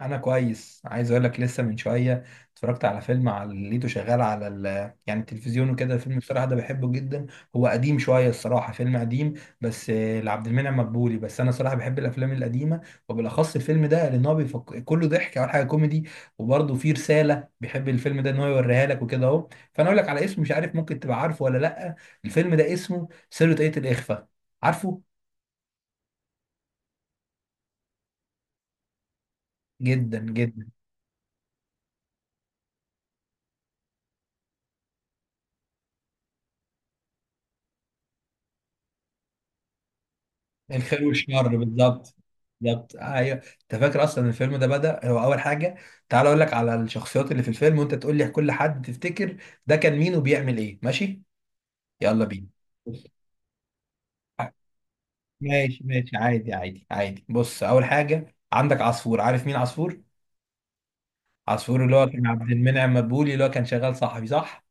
انا كويس. عايز اقول لك لسه من شويه اتفرجت على فيلم، على لقيته شغال على يعني التلفزيون وكده. الفيلم بصراحه ده بحبه جدا، هو قديم شويه الصراحه، فيلم قديم بس لعبد المنعم مدبولي. بس انا صراحه بحب الافلام القديمه، وبالاخص الفيلم ده لان هو كله ضحك. اول حاجه كوميدي، وبرضه فيه رساله بيحب الفيلم ده ان هو يوريها لك وكده اهو. فانا اقول لك على اسم، مش عارف ممكن تبقى عارفه ولا لا. الفيلم ده اسمه سر طاقية الاخفاء. عارفه؟ جدا جدا. الخير والشر بالظبط. بالظبط، ايوه. انت فاكر اصلا الفيلم ده بدأ هو اول حاجه؟ تعال اقول لك على الشخصيات اللي في الفيلم وانت تقول لي كل حد تفتكر ده كان مين وبيعمل ايه، ماشي؟ يلا بينا. بص، ماشي ماشي، عادي عادي عادي. بص، اول حاجه عندك عصفور. عارف مين عصفور؟ عصفور اللي هو كان عبد المنعم مدبولي، اللي هو كان شغال صحفي، صح؟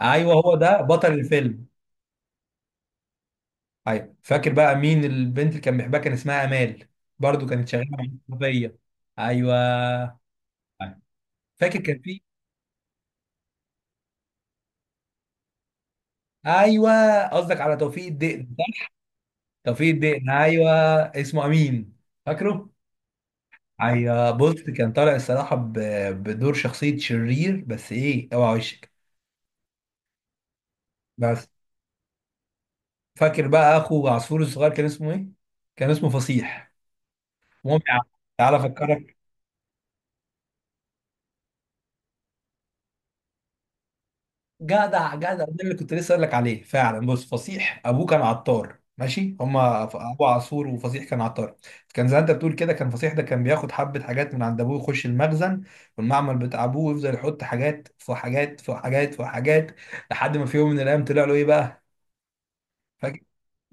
ايوه، هو ده بطل الفيلم. ايوه، فاكر بقى مين البنت اللي كان بيحبها؟ كان اسمها امال، برضو كانت شغاله مع الصحفيه. ايوه، فاكر كان في. ايوه، قصدك على توفيق الدقن، صح؟ توفيق الدقن، ايوه. اسمه امين، فاكره؟ ايوه، بص، كان طالع الصراحه بدور شخصيه شرير، بس ايه، اوعى وشك. بس. فاكر بقى اخو عصفور الصغير كان اسمه ايه؟ كان اسمه فصيح. المهم يا عم، تعالى افكرك. جدع جدع، ده اللي كنت لسه اقول لك عليه فعلا. بص، فصيح ابوه كان عطار، ماشي. هما ابو عاشور وفصيح كان عطار. كان زي ما انت بتقول كده، كان فصيح ده كان بياخد حبه حاجات من عند ابوه، يخش المخزن والمعمل بتاع ابوه، ويفضل يحط حاجات في حاجات في حاجات في حاجات لحد ما في يوم من الايام طلع له ايه بقى؟ فاكر؟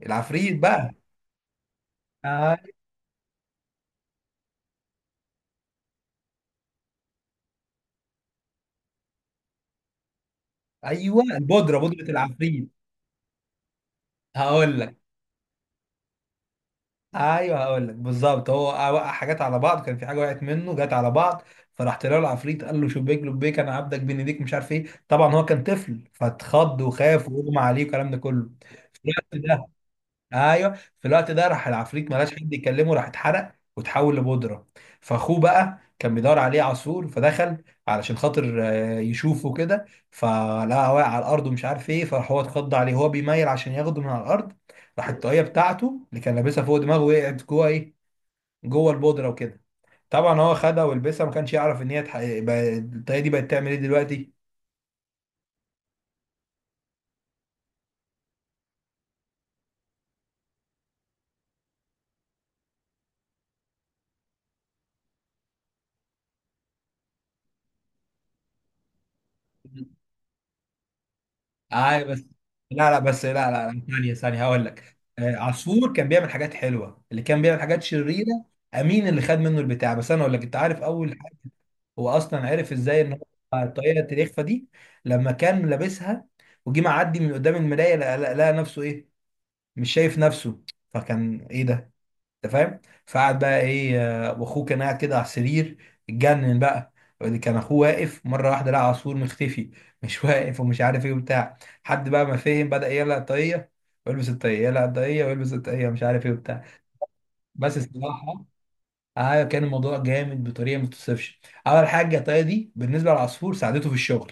العفريت بقى. آه، ايوه البودره، بودره العفريت. هقول لك. ايوه، هقول لك بالظبط. هو وقع حاجات على بعض، كان في حاجه وقعت منه جت على بعض، فراح طلع له العفريت، قال له شبيك لبيك انا عبدك بين ايديك، مش عارف ايه. طبعا هو كان طفل، فاتخض وخاف واغمى عليه والكلام ده كله. في الوقت ده. ايوه، في الوقت ده راح العفريت ملاش حد يكلمه، راح اتحرق وتحول لبودره. فاخوه بقى كان بيدور عليه عصفور، فدخل علشان خاطر يشوفه كده، فلقى واقع على الارض ومش عارف ايه. فراح هو اتخض عليه، هو بيميل عشان ياخده من على الارض، راح الطاقيه بتاعته اللي كان لابسها فوق دماغه وقعت جوه ايه؟ جوه البودره وكده. طبعا هو خدها ولبسها، ما كانش يعرف ان هي الطاقيه دي بقت تعمل ايه دلوقتي. آه بس، لا لا بس، لا لا لا، ثانية ثانية هقول لك. عصفور كان بيعمل حاجات حلوة، اللي كان بيعمل حاجات شريرة أمين، اللي خد منه البتاع. بس أنا أقول لك، أنت عارف أول حاجة هو أصلا عرف إزاي إن هو طاقية الإخفاء دي؟ لما كان لابسها وجي معدي من قدام المراية، لقى نفسه إيه؟ مش شايف نفسه. فكان إيه ده؟ انت فاهم. فقعد بقى ايه، واخوه كان قاعد كده على السرير، اتجنن بقى اللي كان اخوه. واقف مره واحده، لقى عصفور مختفي مش واقف ومش عارف ايه وبتاع. حد بقى ما فهم، بدأ يقلق الطاقيه ويلبس الطاقيه، يقلق الطاقيه ويلبس الطاقيه، مش عارف ايه وبتاع. بس الصراحه كان الموضوع جامد بطريقه ما تتوصفش. اول حاجه الطاقيه دي بالنسبه للعصفور ساعدته في الشغل،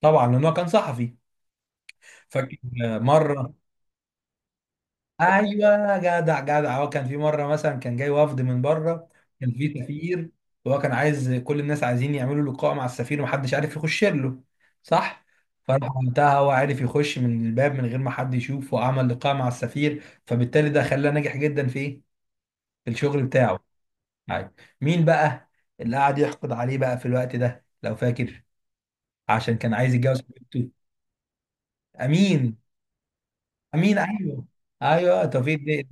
طبعا لان هو كان صحفي. فاكر؟ مره. ايوه، جدع جدع. هو كان في مره مثلا كان جاي وفد من بره، كان في سفير، وهو كان عايز كل الناس عايزين يعملوا لقاء مع السفير ومحدش عارف يخش له، صح؟ فراح وقتها هو عارف يخش من الباب من غير ما حد يشوفه وعمل لقاء مع السفير، فبالتالي ده خلاه ناجح جدا في ايه؟ في الشغل بتاعه. عادي. مين بقى اللي قعد يحقد عليه بقى في الوقت ده لو فاكر؟ عشان كان عايز يتجوز حبيبته. امين. امين، ايوه. ايوه توفيق ده،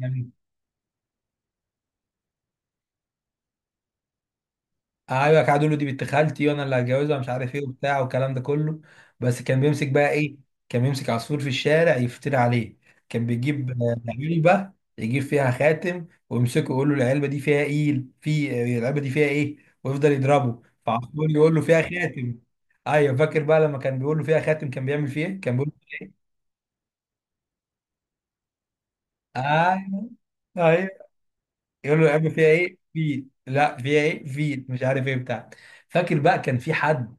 ايوه. قعدوا يقولوا دي بنت خالتي وانا اللي هتجوزها، مش عارف ايه وبتاع والكلام ده كله. بس كان بيمسك بقى ايه؟ كان بيمسك عصفور في الشارع يفتري عليه، كان بيجيب علبه، يجيب فيها خاتم ويمسكه يقول له العلبه دي فيها ايه؟ في العلبه دي فيها ايه؟ ويفضل يضربه، فعصفور يقول له فيها خاتم. ايوه. فاكر بقى لما كان بيقول له فيها خاتم كان بيعمل فيه ايه؟ كان بيقول ايوه ايوه. يقول له العلبه فيها ايه؟ فيل. لا، فيها ايه؟ فيل. مش عارف ايه بتاع. فاكر بقى كان في حد،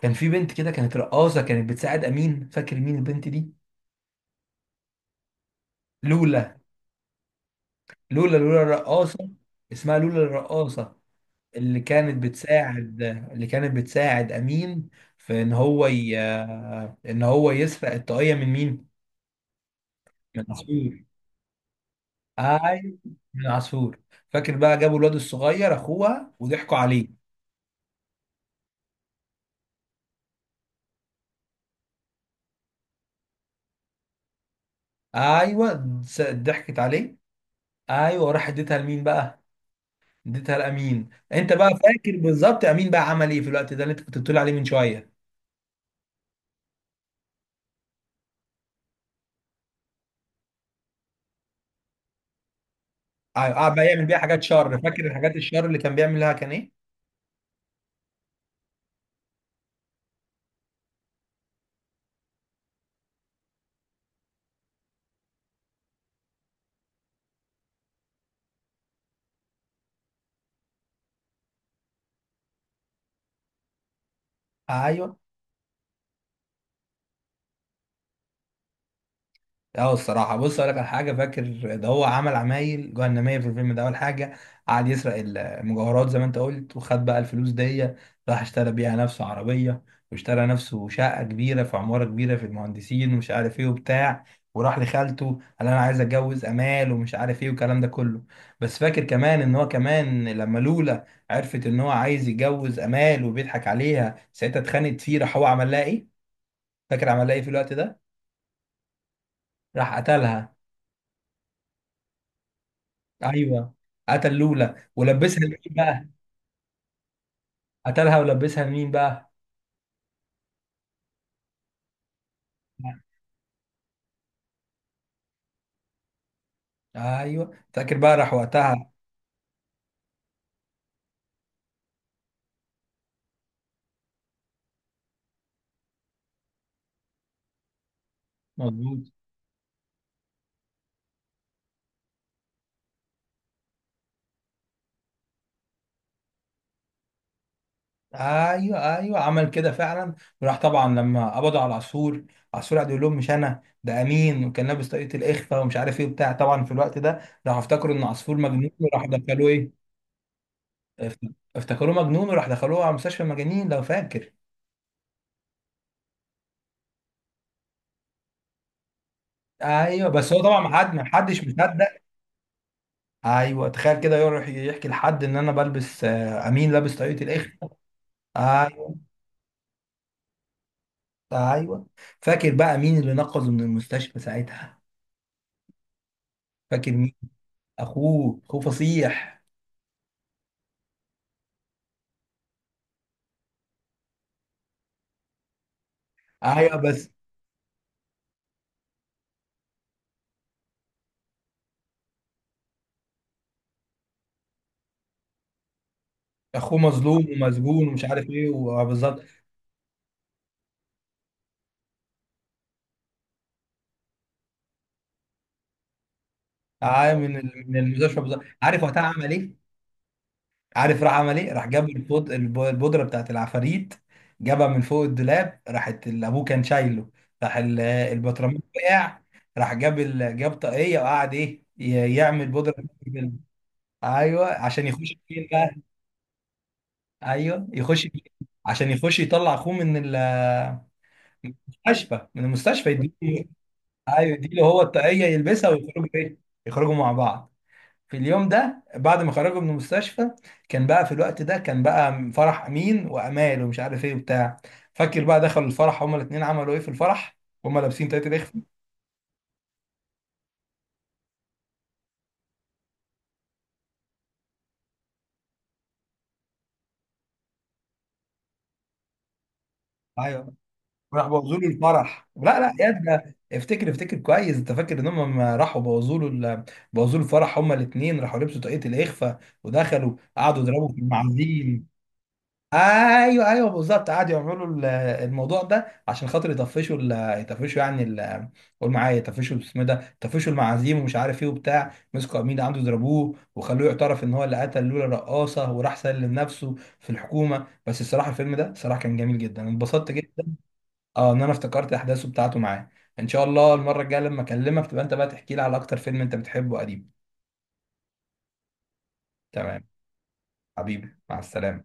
كان في بنت كده كانت رقاصة، كانت بتساعد أمين. فاكر مين البنت دي؟ لولا لولا لولا الرقاصة. اسمها لولا الرقاصة، اللي كانت بتساعد أمين في إن هو إن هو يسرق الطاقية من مين؟ من عصفور. أيوة، من عصفور. فاكر بقى جابوا الواد الصغير أخوها وضحكوا عليه. أيوة، ضحكت عليه. أيوة. وراح اديتها لمين بقى؟ اديتها لأمين. أنت بقى فاكر بالظبط أمين بقى عمل إيه في الوقت ده اللي أنت كنت بتقول عليه من شوية؟ قعد بقى يعمل بيها حاجات شر. فاكر الحاجات الشر اللي كان بيعمل لها كان ايه؟ آه، ايوه. اه الصراحة، بص اقول لك على حاجة. فاكر؟ ده هو عمل عمايل جهنمية في الفيلم ده. أول حاجة قعد يسرق المجوهرات زي ما أنت قلت، وخد بقى الفلوس دي، راح اشترى بيها نفسه عربية، واشترى نفسه شقة كبيرة في عمارة كبيرة في المهندسين ومش عارف إيه وبتاع، وراح لخالته قال أنا عايز أتجوز أمال، ومش عارف إيه والكلام ده كله. بس فاكر كمان إن هو كمان لما لولا عرفت إن هو عايز يتجوز أمال وبيضحك عليها، ساعتها اتخانقت فيه. راح هو عمل لها إيه؟ فاكر عمل لها إيه في الوقت ده؟ راح قتلها. ايوه، قتل لولا. ولبسها لمين بقى؟ قتلها ولبسها لمين بقى؟ ايوه، فاكر بقى راح وقتها. مظبوط. ايوه ايوه، عمل كده فعلا. وراح طبعا لما قبضوا على العصفور، العصفور قعد يقول لهم مش انا ده امين، وكان لابس طاقية الاخفاء ومش عارف ايه وبتاع. طبعا في الوقت ده راحوا افتكروا ان عصفور مجنون، وراح دخلوه ايه؟ افت- افتكروه مجنون وراح دخلوه على مستشفى المجانين، لو فاكر. ايوه، بس هو طبعا ما حدش مصدق. ايوه، تخيل كده يروح يحكي لحد ان انا بلبس امين لابس طاقية الاخر. ايوه ايوه. فاكر بقى مين اللي نقذه من المستشفى ساعتها؟ فاكر مين؟ اخوه فصيح. ايوه بس اخوه مظلوم ومسجون ومش عارف ايه، وبالظبط. ايوه، من المستشفى بالظبط. عارف وقتها عمل ايه؟ عارف راح عمل ايه؟ راح جاب البودره بتاعت العفاريت، جابها من فوق الدولاب راحت ابوه كان شايله، راح البطرمان وقع، راح جاب طاقيه، وقعد ايه يعمل بودره. ايوه، عشان يخش فين بقى؟ ايوه، يخش فين؟ عشان يخش يطلع اخوه من المستشفى يديله. ايوه، يديله هو الطاقيه يلبسها، ويخرجوا ايه؟ يخرجوا مع بعض. في اليوم ده بعد ما خرجوا من المستشفى كان بقى في الوقت ده كان بقى فرح امين وامال، ومش عارف ايه وبتاع. فاكر بقى دخلوا الفرح هما الاثنين، عملوا ايه في الفراح؟ هما لابسين تلاتة دخل. ايوه، راح بوظوا له الفرح. لا لا يا ابني، افتكر افتكر كويس. انت فاكر ان هم لما راحوا بوظوا له ال- بوظوا له الفرح، هما الاثنين راحوا لبسوا طاقية الاخفاء ودخلوا قعدوا يضربوا في المعازيم. ايوه ايوه بالظبط. قعدوا يعملوا الموضوع ده عشان خاطر يطفشوا يطفشوا يعني قول معايا يطفشوا اسمه إيه ده، يطفشوا المعازيم ومش عارف ايه وبتاع. مسكوا امين عنده، ضربوه وخلوه يعترف ان هو اللي قتل لولا الرقاصه، وراح سلم نفسه في الحكومه. بس الصراحه الفيلم ده صراحه كان جميل جدا، انبسطت جدا اه ان انا افتكرت احداثه بتاعته معاه. ان شاء الله المره الجايه لما اكلمك تبقى انت بقى تحكي لي على اكتر فيلم انت بتحبه قديم. تمام. حبيبي، مع السلامه.